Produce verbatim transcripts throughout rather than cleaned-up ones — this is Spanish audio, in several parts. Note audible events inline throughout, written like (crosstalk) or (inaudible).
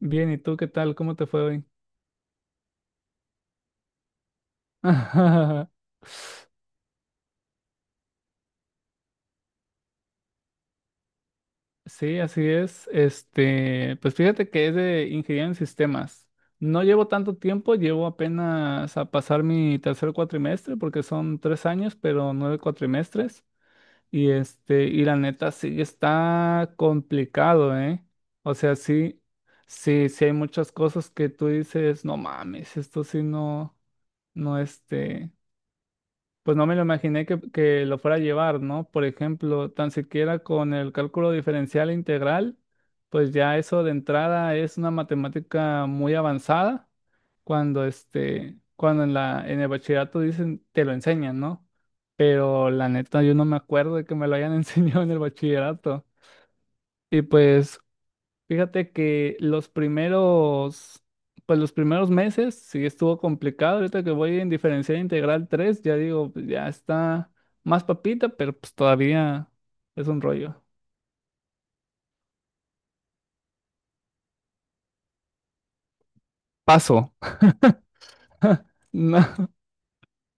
Bien, ¿y tú qué tal? ¿Cómo te fue hoy? (laughs) Sí, así es. Este, pues fíjate que es de ingeniería en sistemas. No llevo tanto tiempo, llevo apenas a pasar mi tercer cuatrimestre, porque son tres años, pero nueve cuatrimestres. Y este, y la neta sí está complicado, ¿eh? O sea, sí, sí, sí hay muchas cosas que tú dices, no mames, esto sí no, no este. Pues no me lo imaginé que, que lo fuera a llevar, ¿no? Por ejemplo, tan siquiera con el cálculo diferencial e integral, pues ya eso de entrada es una matemática muy avanzada cuando este, cuando en la, en el bachillerato dicen, te lo enseñan, ¿no? Pero la neta, yo no me acuerdo de que me lo hayan (laughs) enseñado en el bachillerato. Y pues, Fíjate que los primeros, pues los primeros meses sí estuvo complicado. Ahorita que voy en diferencial integral tres, ya digo, pues, ya está más papita, pero pues todavía es un rollo. Paso. (laughs) No,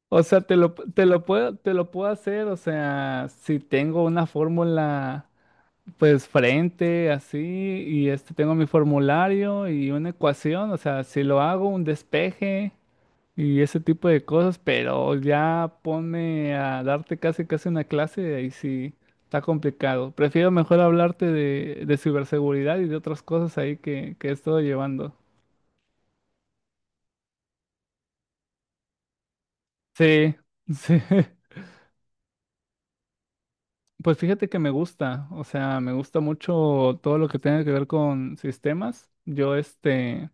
o sea, te lo, te lo puedo, te lo puedo hacer, o sea, si tengo una fórmula, pues frente, así, y este tengo mi formulario y una ecuación, o sea, si lo hago, un despeje. Y ese tipo de cosas, pero ya pone a darte casi casi una clase, ahí sí está complicado. Prefiero mejor hablarte de, de ciberseguridad y de otras cosas ahí que, que he estado llevando. Sí, sí. (laughs) Pues fíjate que me gusta, o sea, me gusta mucho todo lo que tenga que ver con sistemas. Yo este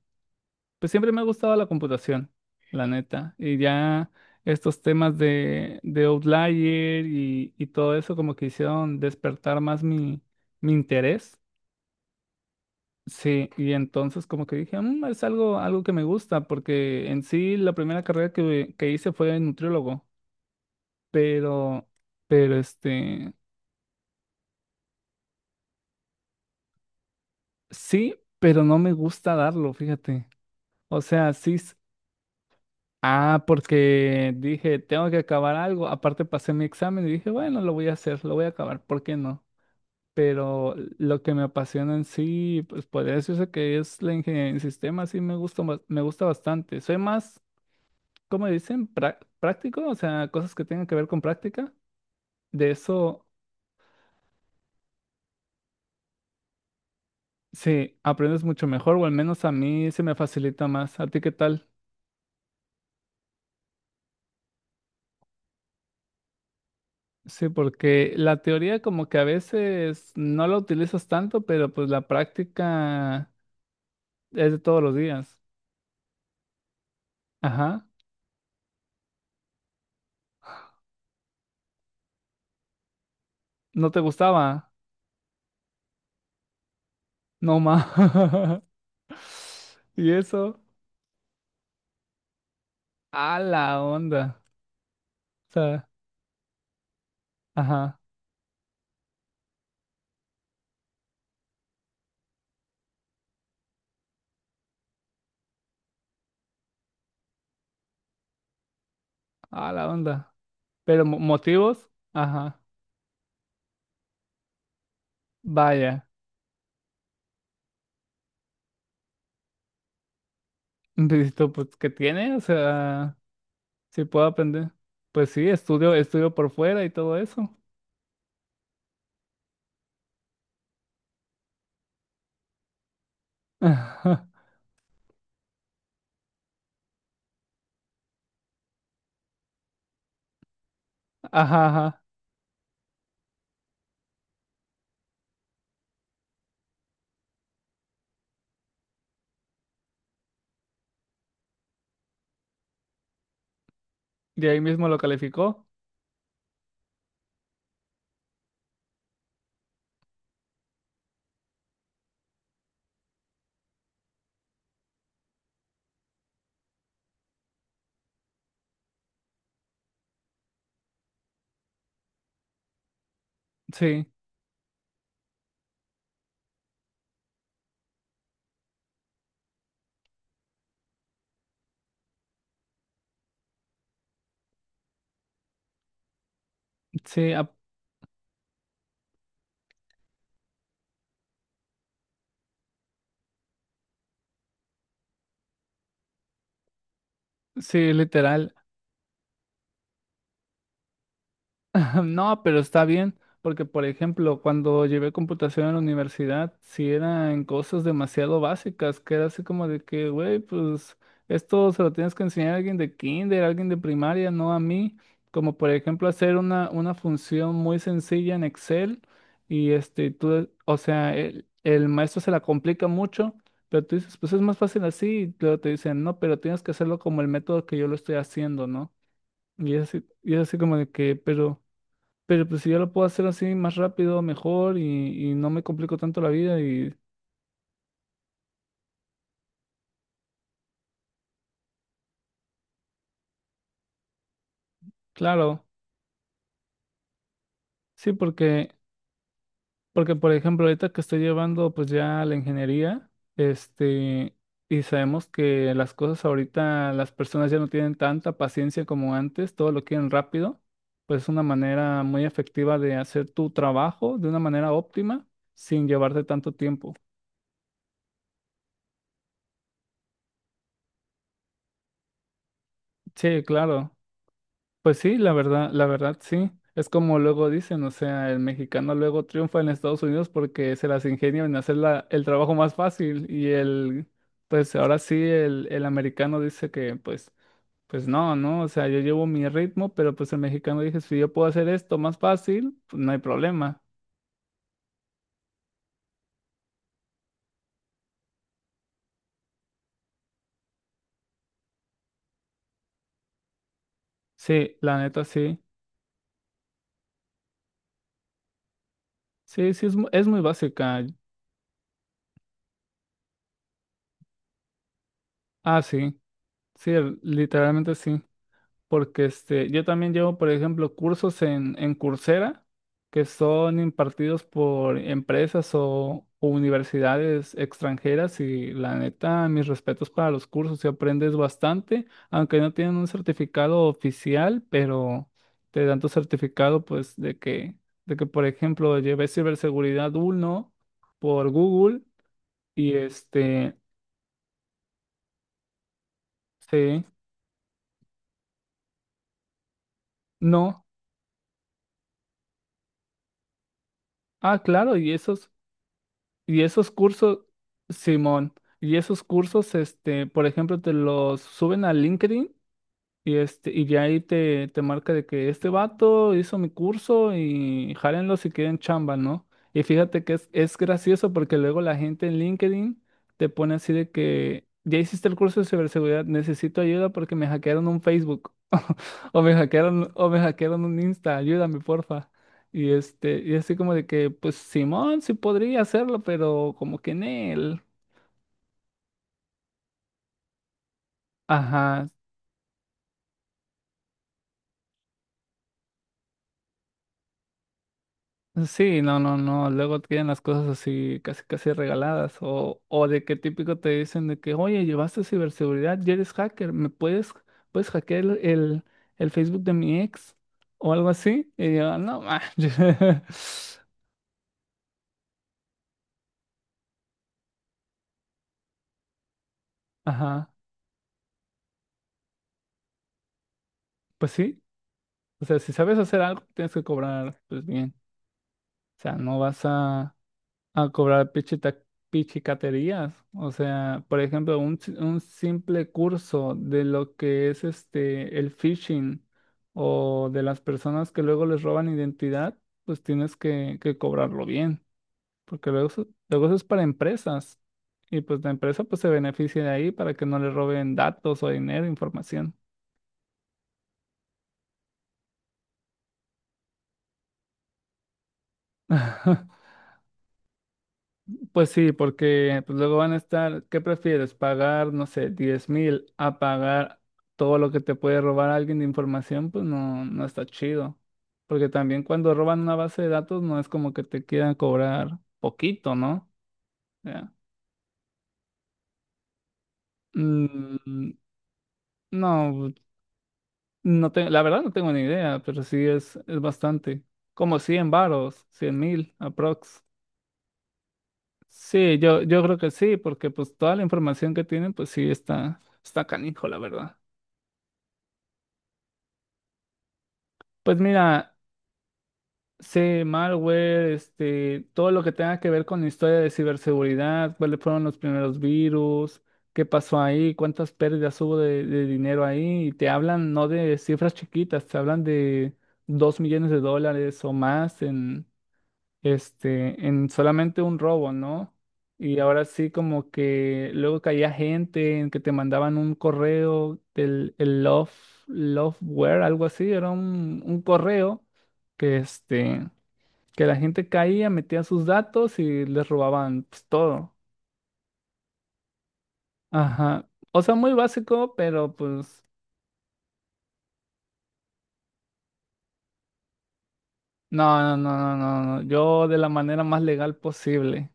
Pues siempre me ha gustado la computación, la neta. Y ya estos temas de, de Outlier y, y todo eso como que hicieron despertar más mi, mi interés. Sí, y entonces como que dije, "Mm, es algo, algo que me gusta, porque en sí la primera carrera que, que hice fue nutriólogo, pero, pero este, sí, pero no me gusta darlo, fíjate. O sea, sí, Ah, porque dije, tengo que acabar algo. Aparte pasé mi examen y dije, bueno, lo voy a hacer, lo voy a acabar, ¿por qué no? Pero lo que me apasiona en sí, pues podría decirse que es la ingeniería en sistemas, sí me gusta, bas- me gusta bastante. Soy más, ¿como dicen? Prá- práctico, o sea, cosas que tengan que ver con práctica. De eso, sí, aprendes mucho mejor, o al menos a mí se me facilita más. ¿A ti qué tal? Sí, porque la teoría como que a veces no la utilizas tanto, pero pues la práctica... Es de todos los días. Ajá. No te gustaba. No más. (laughs) Y eso. A la onda. O sea, ajá. A la onda. Pero mo- motivos. Ajá. Vaya. Dices tú, pues, ¿qué tiene? O sea, si puedo aprender. Pues sí, estudio, estudio por fuera y todo eso. (laughs) Ajá, ajá. Y ahí mismo lo calificó. Sí, sí, ap- sí, literal. (laughs) No, pero está bien, porque por ejemplo, cuando llevé computación en la universidad, sí eran cosas demasiado básicas, que era así como de que, güey, pues esto se lo tienes que enseñar a alguien de kinder, a alguien de primaria, no a mí, como por ejemplo hacer una, una función muy sencilla en Excel y este, tú, o sea, el, el maestro se la complica mucho, pero tú dices, pues es más fácil así, y luego te dicen, no, pero tienes que hacerlo como el método que yo lo estoy haciendo, ¿no? Y es así, y es así como de que, pero... Pero pues si yo lo puedo hacer así más rápido, mejor y, y no me complico tanto la vida y claro, sí, porque, porque por ejemplo ahorita que estoy llevando pues ya la ingeniería, este, y sabemos que las cosas ahorita las personas ya no tienen tanta paciencia como antes, todo lo quieren rápido, pues es una manera muy efectiva de hacer tu trabajo de una manera óptima sin llevarte tanto tiempo. Sí, claro. Pues sí, la verdad, la verdad sí. Es como luego dicen, o sea, el mexicano luego triunfa en Estados Unidos porque se las ingenia en hacer la- el trabajo más fácil y el, pues ahora sí, el, el americano dice que pues, pues no, no, o sea, yo llevo mi ritmo, pero pues el mexicano dice, si yo puedo hacer esto más fácil, pues no hay problema. Sí, la neta sí. Sí, sí, es, mu- es muy básica. Ah, sí, sí, literalmente sí. Porque este, yo también llevo, por ejemplo, cursos en, en Coursera que son impartidos por empresas o, o universidades extranjeras y la neta, mis respetos para los cursos, si aprendes bastante, aunque no tienen un certificado oficial, pero te dan tu certificado pues de que, de que por ejemplo, llevé ciberseguridad uno por Google y este, sí, no. Ah, claro, y esos... Y esos cursos, Simón, y esos cursos, este, por ejemplo, te los suben a LinkedIn y, este, y ya ahí te, te marca de que este vato hizo mi curso y jálenlo si quieren chamba, ¿no? Y fíjate que es, es gracioso porque luego la gente en LinkedIn te pone así de que ya hiciste el curso de ciberseguridad, necesito ayuda porque me hackearon un Facebook (laughs) o me hackearon, o me hackearon un Insta, ayúdame, porfa. Y este, y así como de que, pues Simón sí podría hacerlo, pero como que en él. Ajá, sí, no, no, no. Luego tienen las cosas así casi casi regaladas. O, o de qué típico te dicen de que, oye, llevaste ciberseguridad, ya eres hacker, me puedes, puedes hackear el, el, el Facebook de mi ex o algo así. Y yo, no, ma". (laughs) Ajá. Pues sí. O sea, si sabes hacer algo, tienes que cobrar, pues bien. O sea, no vas a a cobrar pichita- pichicaterías. O sea, por ejemplo, un, si- un simple curso de lo que es este el phishing o de las personas que luego les roban identidad, pues tienes que, que cobrarlo bien, porque luego eso, luego eso es para empresas. Y pues la empresa pues se beneficia de ahí para que no le roben datos o dinero, información. (laughs) Pues sí, porque pues, luego van a estar, ¿qué prefieres? ¿Pagar, no sé, diez mil a pagar todo lo que te puede robar alguien de información? Pues no, no está chido. Porque también cuando roban una base de datos no es como que te quieran cobrar poquito, ¿no? Ya. Mm, no, no, te- la verdad no tengo ni idea, pero sí es, es, bastante. Como cien varos, cien mil aprox. Sí, yo, yo creo que sí, porque pues toda la información que tienen, pues sí está, está canijo, la verdad. Pues mira, sé malware, este, todo lo que tenga que ver con la historia de ciberseguridad, cuáles fueron los primeros virus, qué pasó ahí, cuántas pérdidas hubo de, de dinero ahí, y te hablan no de cifras chiquitas, te hablan de dos millones de dólares o más en, este, en solamente un robo, ¿no? Y ahora sí como que luego caía gente en que te mandaban un correo del el Love, Loveware, algo así, era un, un correo que este, que la gente caía, metía sus datos y les robaban pues, todo. Ajá. O sea, muy básico, pero pues no, no, no, no, no, no. Yo de la manera más legal posible.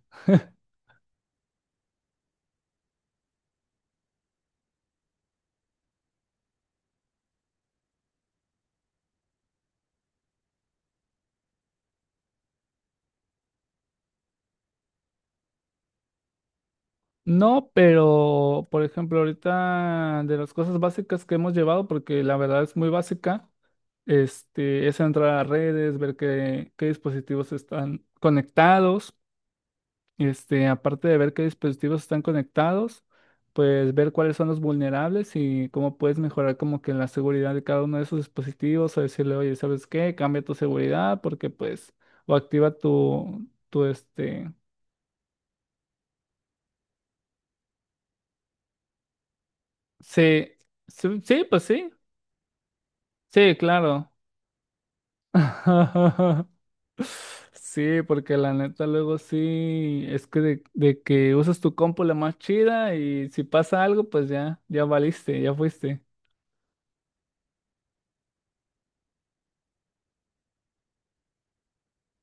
No, pero por ejemplo, ahorita de las cosas básicas que hemos llevado, porque la verdad es muy básica, este, es entrar a redes, ver qué, qué dispositivos están conectados, este, aparte de ver qué dispositivos están conectados, pues ver cuáles son los vulnerables y cómo puedes mejorar como que la seguridad de cada uno de esos dispositivos, o decirle, oye, ¿sabes qué? Cambia tu seguridad porque pues, o activa tu, tu este, sí, sí, sí, pues sí, sí, claro. (laughs) Sí, porque la neta luego sí, es que de, de que usas tu compu la más chida y si pasa algo, pues ya, ya valiste, ya fuiste.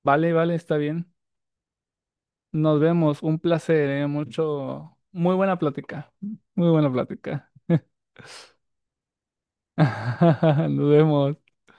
Vale, vale, está bien. Nos vemos, un placer, eh, mucho, muy buena plática, muy buena plática. (laughs) Nos vemos.